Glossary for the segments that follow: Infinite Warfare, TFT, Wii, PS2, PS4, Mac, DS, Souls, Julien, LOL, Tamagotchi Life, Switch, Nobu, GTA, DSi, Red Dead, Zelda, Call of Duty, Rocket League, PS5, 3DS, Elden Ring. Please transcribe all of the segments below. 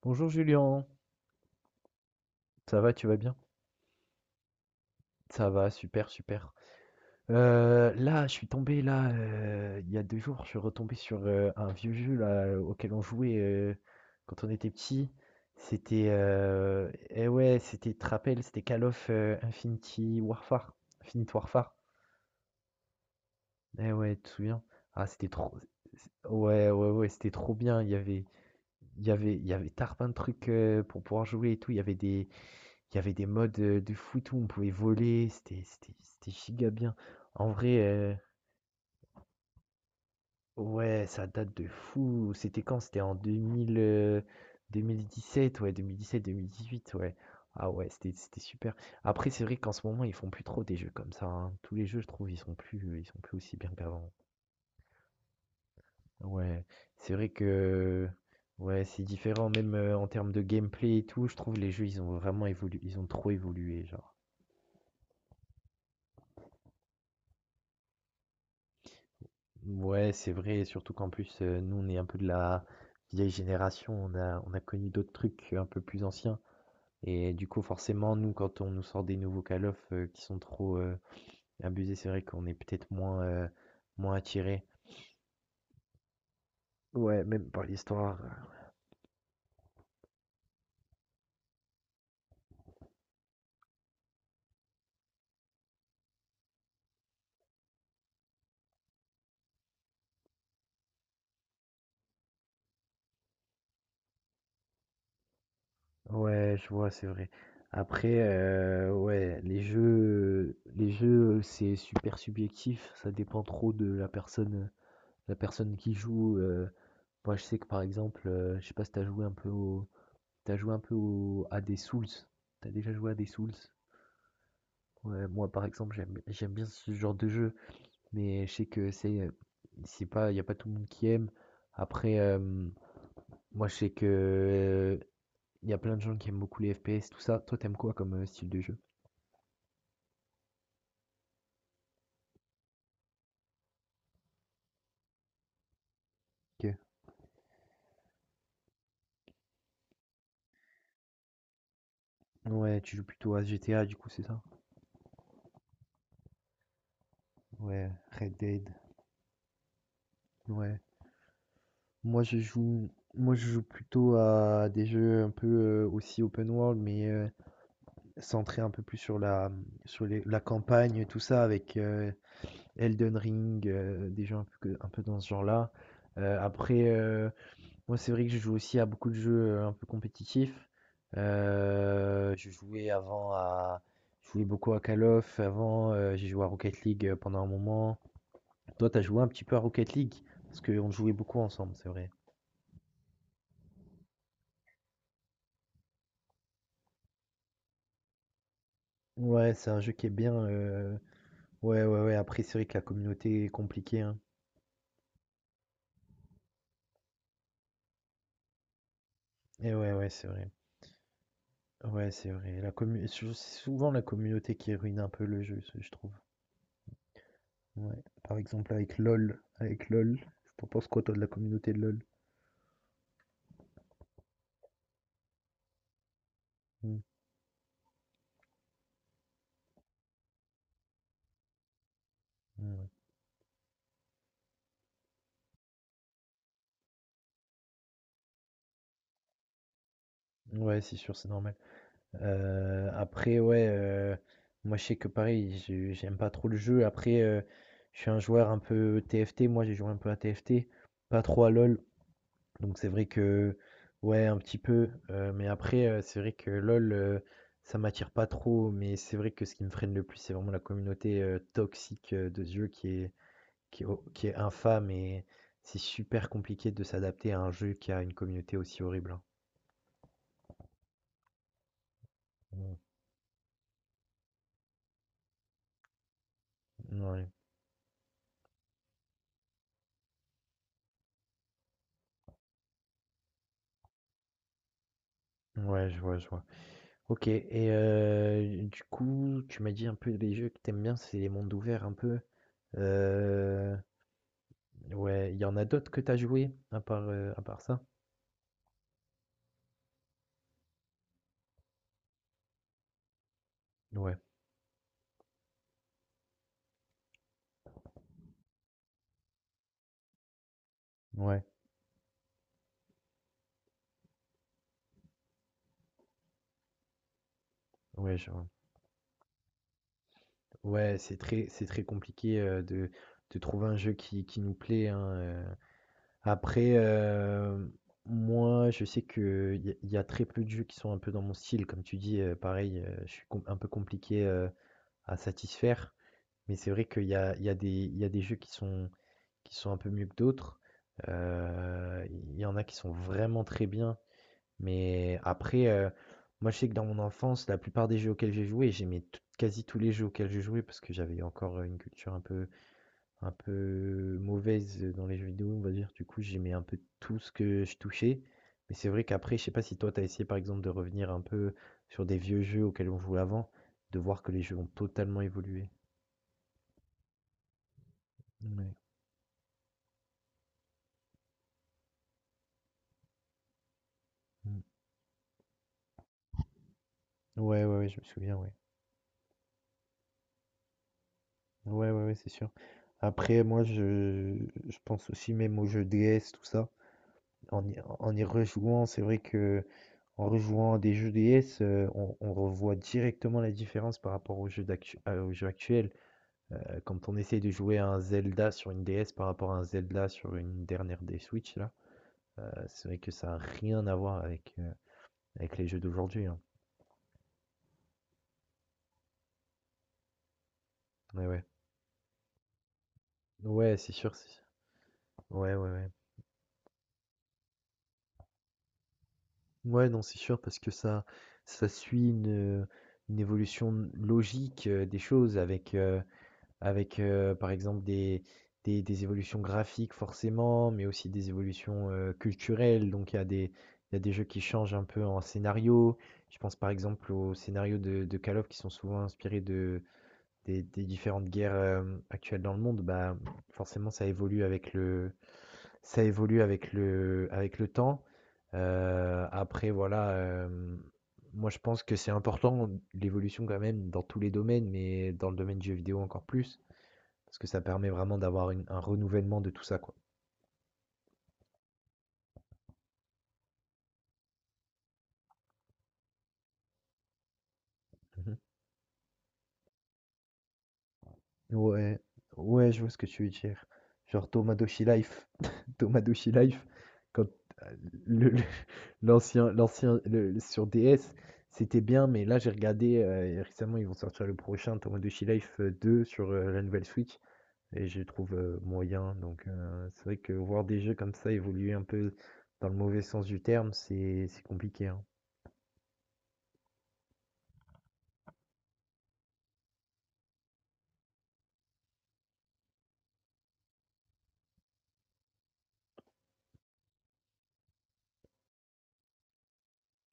Bonjour Julien, ça va, tu vas bien? Ça va, super, super. Là, je suis tombé, là, il y a 2 jours, je suis retombé sur un vieux jeu là, auquel on jouait quand on était petit. C'était, eh ouais, c'était, tu te rappelles, c'était Call of Infinity Warfare. Infinite Warfare. Eh ouais, tu te souviens? Ah, c'était trop. Ouais, ouais, ouais, c'était trop bien. Il y avait tarbin de trucs pour pouvoir jouer et tout. Il y avait des modes, de foot où on pouvait voler, c'était giga bien. En vrai, ouais, ça date de fou. C'était quand? C'était en 2000, 2017, ouais, 2017-2018, ouais. Ah ouais, c'était super. Après, c'est vrai qu'en ce moment, ils font plus trop des jeux comme ça, hein. Tous les jeux, je trouve, ils sont plus aussi bien qu'avant. Ouais, c'est vrai que ouais, c'est différent même, en termes de gameplay et tout. Je trouve les jeux, ils ont vraiment évolué, ils ont trop évolué, genre. Ouais, c'est vrai, surtout qu'en plus, nous, on est un peu de la vieille génération, on a connu d'autres trucs un peu plus anciens et du coup, forcément, nous, quand on nous sort des nouveaux Call of, qui sont trop, abusés, c'est vrai qu'on est peut-être moins, moins attirés. Ouais, même par l'histoire. Ouais, je vois, c'est vrai. Après, ouais, les jeux, c'est super subjectif, ça dépend trop de la personne qui joue. Moi, je sais que, par exemple, je sais pas si T'as joué un peu au- à des Souls? T'as déjà joué à des Souls? Ouais, moi par exemple j'aime bien ce genre de jeu, mais je sais que c'est pas y a pas tout le monde qui aime. Après moi je sais que il y a plein de gens qui aiment beaucoup les FPS tout ça. Toi, t'aimes quoi comme style de jeu? Ok. Ouais, tu joues plutôt à GTA du coup c'est ça? Ouais, Red Dead. Ouais. Moi je joue moi je joue plutôt à des jeux un peu aussi open world mais centré un peu plus sur sur la campagne, tout ça, avec Elden Ring, des jeux un peu, un peu dans ce genre-là. Après, moi, c'est vrai que je joue aussi à beaucoup de jeux un peu compétitifs. Je jouais avant à. Je jouais beaucoup à Call of avant, j'ai joué à Rocket League pendant un moment. Toi, t'as joué un petit peu à Rocket League, parce qu'on jouait beaucoup ensemble, c'est vrai. Ouais, c'est un jeu qui est bien. Ouais, ouais, ouais. Après, c'est vrai que la communauté est compliquée, hein. Et ouais, ouais, c'est vrai. Ouais, c'est vrai. La commu sou c'est souvent la communauté qui ruine un peu le jeu, ce je trouve. Ouais. Par exemple avec LOL, t'en penses quoi toi de la communauté de LOL? Mmh, mmh. Ouais, ouais, c'est sûr, c'est normal. Après, ouais, moi je sais que pareil, j'aime pas trop le jeu. Après, je suis un joueur un peu TFT, moi j'ai joué un peu à TFT, pas trop à LOL. Donc c'est vrai que ouais, un petit peu, mais après, c'est vrai que LOL, ça m'attire pas trop, mais c'est vrai que ce qui me freine le plus, c'est vraiment la communauté, toxique, de ce jeu qui est infâme et c'est super compliqué de s'adapter à un jeu qui a une communauté aussi horrible, hein. Mmh, ouais. Ouais, je vois, je vois. OK, et du coup, tu m'as dit un peu les jeux que t'aimes bien, c'est les mondes ouverts un peu, heu, ouais, il y en a d'autres que t'as joué à part ça? Ouais. Ouais. Ouais, je vois. Ouais, c'est très compliqué de trouver un jeu qui nous plaît, hein. Après, moi, je sais que il y a très peu de jeux qui sont un peu dans mon style. Comme tu dis, pareil, je suis un peu compliqué à satisfaire. Mais c'est vrai qu'il y a, il y a des, il y a des jeux qui sont un peu mieux que d'autres. Il y en a qui sont vraiment très bien. Mais après, moi, je sais que dans mon enfance, la plupart des jeux auxquels j'ai joué, j'aimais tou quasi tous les jeux auxquels j'ai joué parce que j'avais encore, une culture un peu mauvaise, dans les jeux vidéo, on va dire. Du coup, j'aimais un peu tout ce que je touchais. Mais c'est vrai qu'après, je sais pas si toi, t'as essayé, par exemple, de revenir un peu sur des vieux jeux auxquels on jouait avant, de voir que les jeux ont totalement évolué. Mouais. Mmh. Ouais, ouais, ouais, je me souviens, ouais. Ouais, ouais, ouais, c'est sûr. Après, moi, je pense aussi même aux jeux DS, tout ça. En y rejouant, c'est vrai que en rejouant à des jeux DS, on revoit directement la différence par rapport aux aux jeux actuels. Quand on essaie de jouer à un Zelda sur une DS par rapport à un Zelda sur une dernière des Switch, là, c'est vrai que ça n'a rien à voir avec les jeux d'aujourd'hui, hein. Ouais, ouais. Ouais, c'est sûr. Ouais, ouais, ouais. Ouais, non, c'est sûr, parce que ça suit euh, une évolution logique des choses avec. Avec, par exemple des évolutions graphiques forcément, mais aussi des évolutions, culturelles. Donc il y a des jeux qui changent un peu en scénario. Je pense par exemple aux scénarios de Call of qui sont souvent inspirés de des différentes guerres, actuelles dans le monde. Bah, forcément ça évolue avec le temps. Après voilà, hem, moi je pense que c'est important l'évolution quand même dans tous les domaines, mais dans le domaine du jeu vidéo encore plus. Parce que ça permet vraiment d'avoir un renouvellement de tout ça, quoi. Mhm. Ouais, ouais, je vois ce que tu veux dire. Genre Tomadochi Life. Tomadochi Life, quand euh, le- le- l'ancien, sur DS, c'était bien, mais là j'ai regardé, et récemment ils vont sortir le prochain Tomadochi Life 2 sur la nouvelle Switch, et je trouve moyen. Donc c'est vrai que voir des jeux comme ça évoluer un peu dans le mauvais sens du terme, c'est compliqué, hein.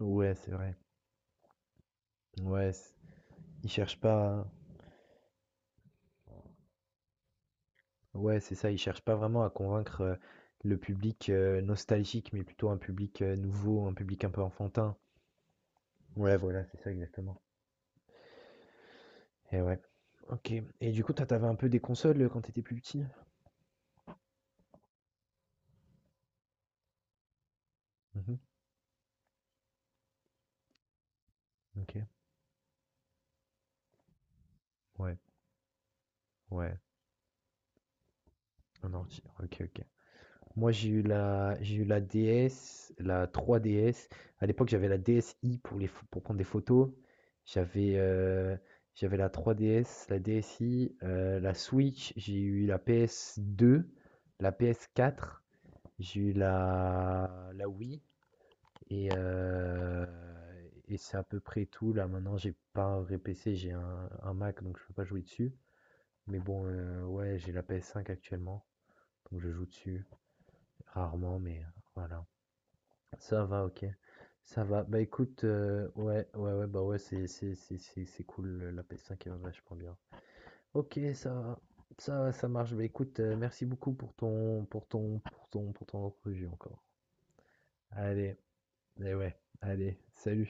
Ouais, c'est vrai. Ouais, ils cherchent pas. Ouais, c'est ça, ils cherchent pas vraiment à convaincre le public nostalgique, mais plutôt un public nouveau, un public un peu enfantin. Ouais, voilà, c'est ça exactement. Et ouais. Ok. Et du coup, toi, t'avais un peu des consoles quand t'étais plus petit? Mhm. Ok. Ouais. Ouais. Un ordi. Ok, ok. Moi, j'ai eu la DS, la 3DS. À l'époque, j'avais la DSi pour prendre des photos. J'avais, euh, J'avais la 3DS, la DSi, la Switch. J'ai eu la PS2, la PS4. J'ai eu la Wii. Et, euh, et c'est à peu près tout. Là, maintenant, j'ai pas un vrai PC, j'ai un Mac, donc je peux pas jouer dessus. Mais bon, ouais, j'ai la PS5 actuellement. Donc je joue dessus. Rarement, mais voilà. Ça va, ok. Ça va. Bah écoute, ouais, ouais, ouais, bah ouais, c'est cool, la PS5 est vachement bien. Ok, ça va. Ça va, ça marche. Bah écoute, merci beaucoup pour ton entrevue encore. Allez, et ouais, allez, salut.